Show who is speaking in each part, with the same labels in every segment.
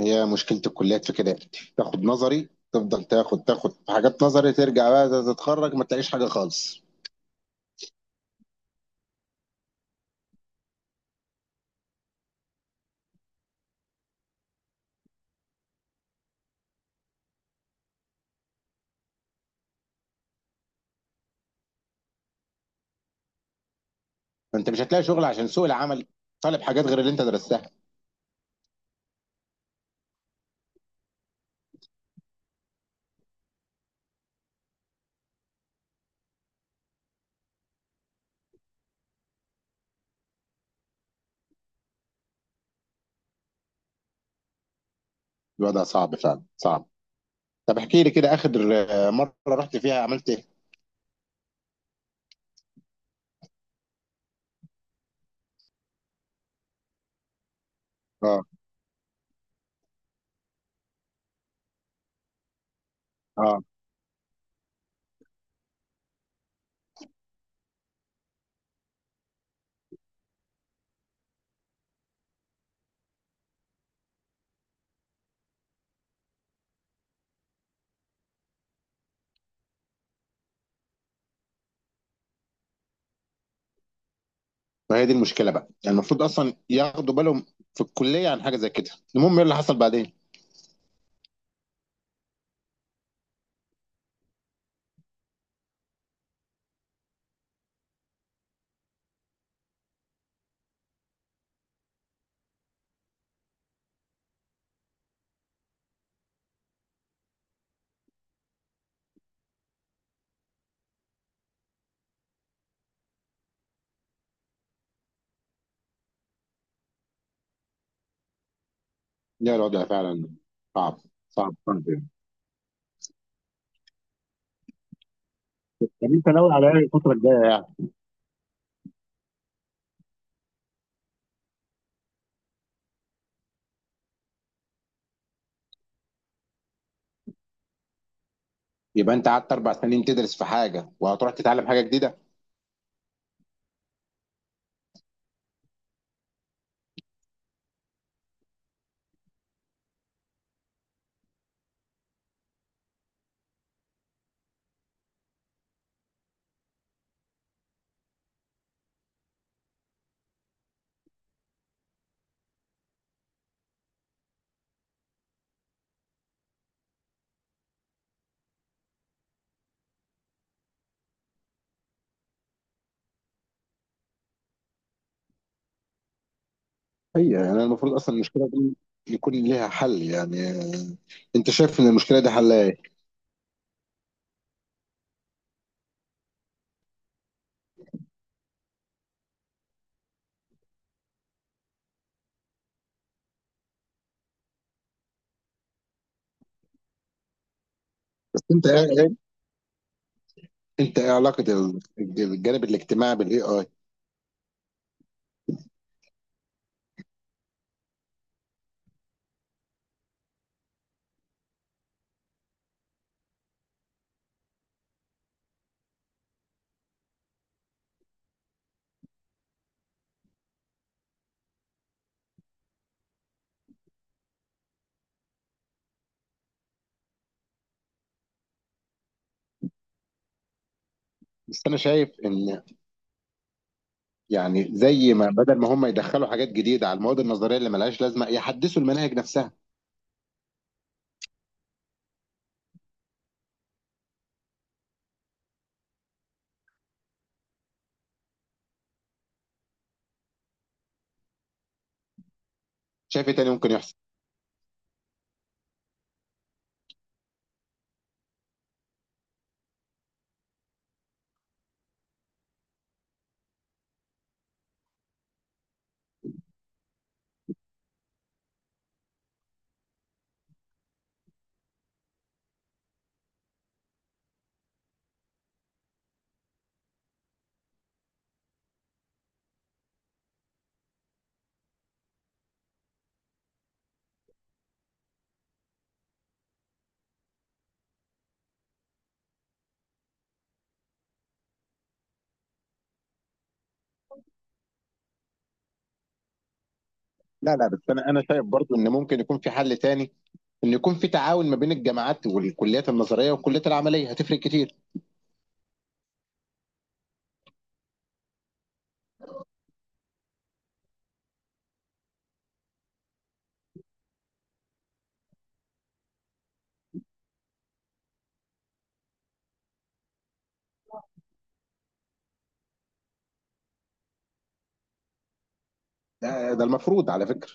Speaker 1: هي مشكلة الكليات في كده. تاخد نظري، تفضل تاخد في حاجات نظري، ترجع بقى تتخرج ما تلاقيش حاجة خالص. فانت مش هتلاقي شغل عشان سوق العمل طالب حاجات غير اللي انت درستها. الوضع صعب فعلا صعب. طب احكي لي كده اخر، آه، مرة رحت فيها عملت ايه؟ اه. اه. فهي دي المشكلة بقى، يعني المفروض اصلا ياخدوا بالهم في الكلية عن حاجة زي كده. المهم ايه اللي حصل بعدين؟ لا، الوضع فعلا صعب. صعب صعب يعني. طب انت ناوي على ايه الفترة الجاية يعني؟ يبقى انت قعدت اربع سنين تدرس في حاجة وهتروح تتعلم حاجة جديدة. هي يعني المفروض اصلا المشكله دي يكون ليها حل يعني. انت شايف ان المشكله دي حلها ايه؟ بس انت ايه انت ايه علاقه الجانب الاجتماعي بالاي اي؟ بس انا شايف ان، يعني زي ما بدل ما هم يدخلوا حاجات جديده على المواد النظريه اللي ملهاش لازمه، يحدثوا المناهج نفسها. شايف ايه تاني ممكن يحصل؟ لا لا، بس انا شايف برضو ان ممكن يكون في حل تاني، ان يكون في تعاون ما بين الجامعات والكليات النظريه والكليات العمليه هتفرق كتير. ده المفروض على فكره،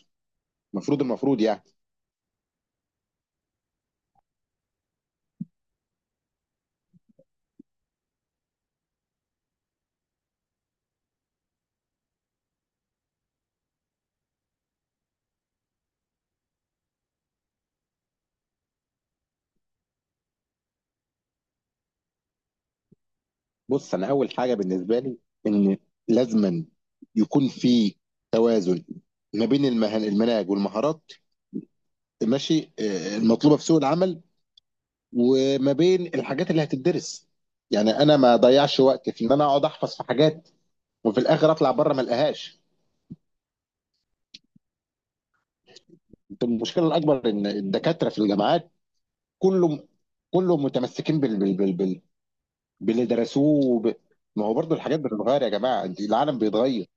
Speaker 1: المفروض يعني. بص، انا اول حاجه بالنسبه لي، ان لازما يكون في توازن ما بين المناهج والمهارات، ماشي، المطلوبه في سوق العمل، وما بين الحاجات اللي هتدرس. يعني انا ما اضيعش وقت في ان انا اقعد احفظ في حاجات وفي الاخر اطلع بره ما القاهاش. المشكله الاكبر ان الدكاتره في الجامعات، كله كله متمسكين باللي درسوه. ما هو برضه الحاجات بتتغير يا جماعه، العالم بيتغير.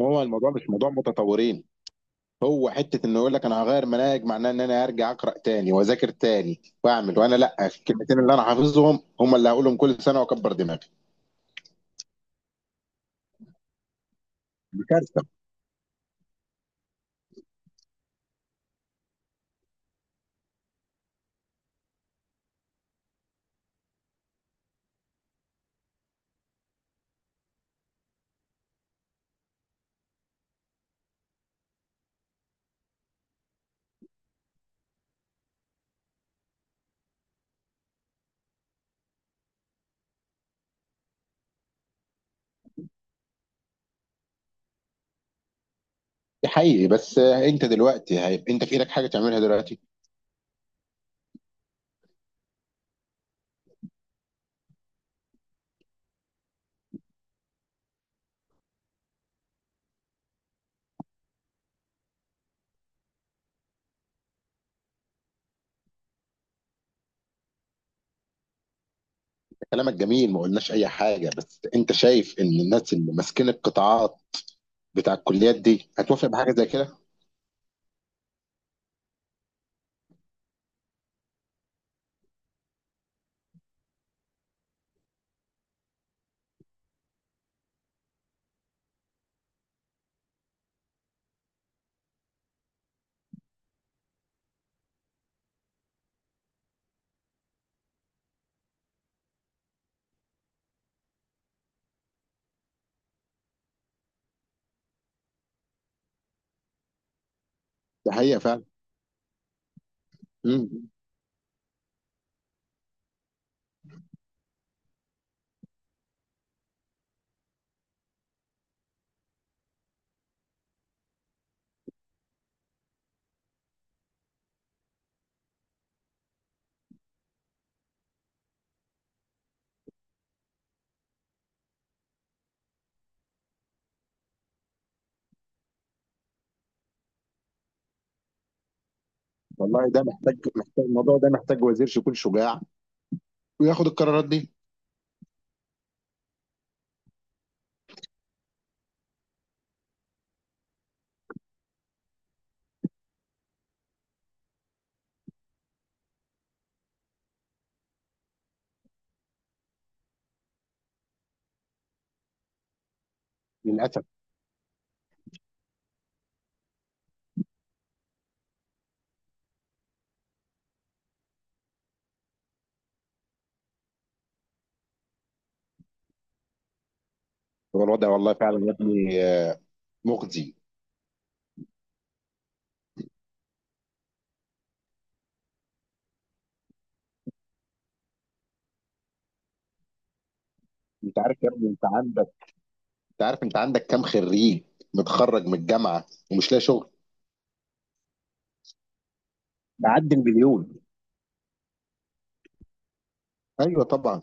Speaker 1: هو الموضوع مش موضوع متطورين، هو حته انه يقول لك انا هغير مناهج، معناه ان انا هرجع اقرا تاني واذاكر تاني واعمل. وانا لا، الكلمتين اللي انا حافظهم هم اللي هقولهم كل سنه واكبر دماغي. دي كارثه. دي حقيقي، بس انت دلوقتي هيبقى انت في ايدك حاجه تعملها دلوقتي؟ كلامك جميل، ما قلناش اي حاجه، بس انت شايف ان الناس اللي ماسكين القطاعات بتاع الكليات دي هتوافق بحاجه زي كده؟ ده حقيقه فعلا. مم. والله ده محتاج محتاج الموضوع ده محتاج وزير يكون شجاع وياخد القرارات دي. للاسف. هو الوضع والله فعلا يا ابني، مخزي. انت عارف يا ابني، انت عندك كام خريج متخرج من الجامعه ومش لاقي شغل؟ بعدي المليون. ايوه طبعا.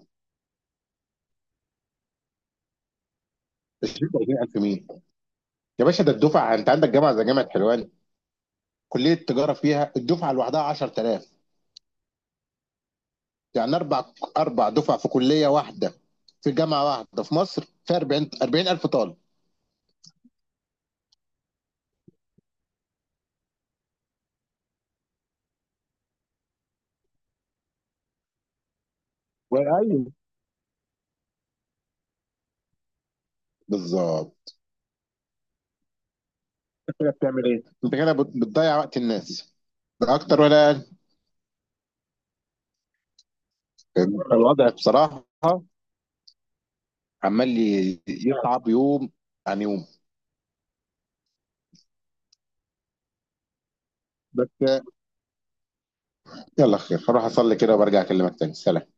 Speaker 1: 20 20000 مين يا باشا؟ ده الدفعه، انت عندك جامعه زي جامعه حلوان، كليه التجاره فيها الدفعه لوحدها 10000. يعني اربع دفع في كليه واحده، في جامعه واحده في مصر فيها 40 40000 طالب. وايوه. بالظبط. انت كده بتعمل ايه؟ انت كده بتضيع وقت الناس، لا اكتر ولا اقل؟ الوضع بصراحه عمال يصعب يوم عن يوم. بس يلا خير، هروح اصلي كده وبرجع اكلمك تاني. سلام.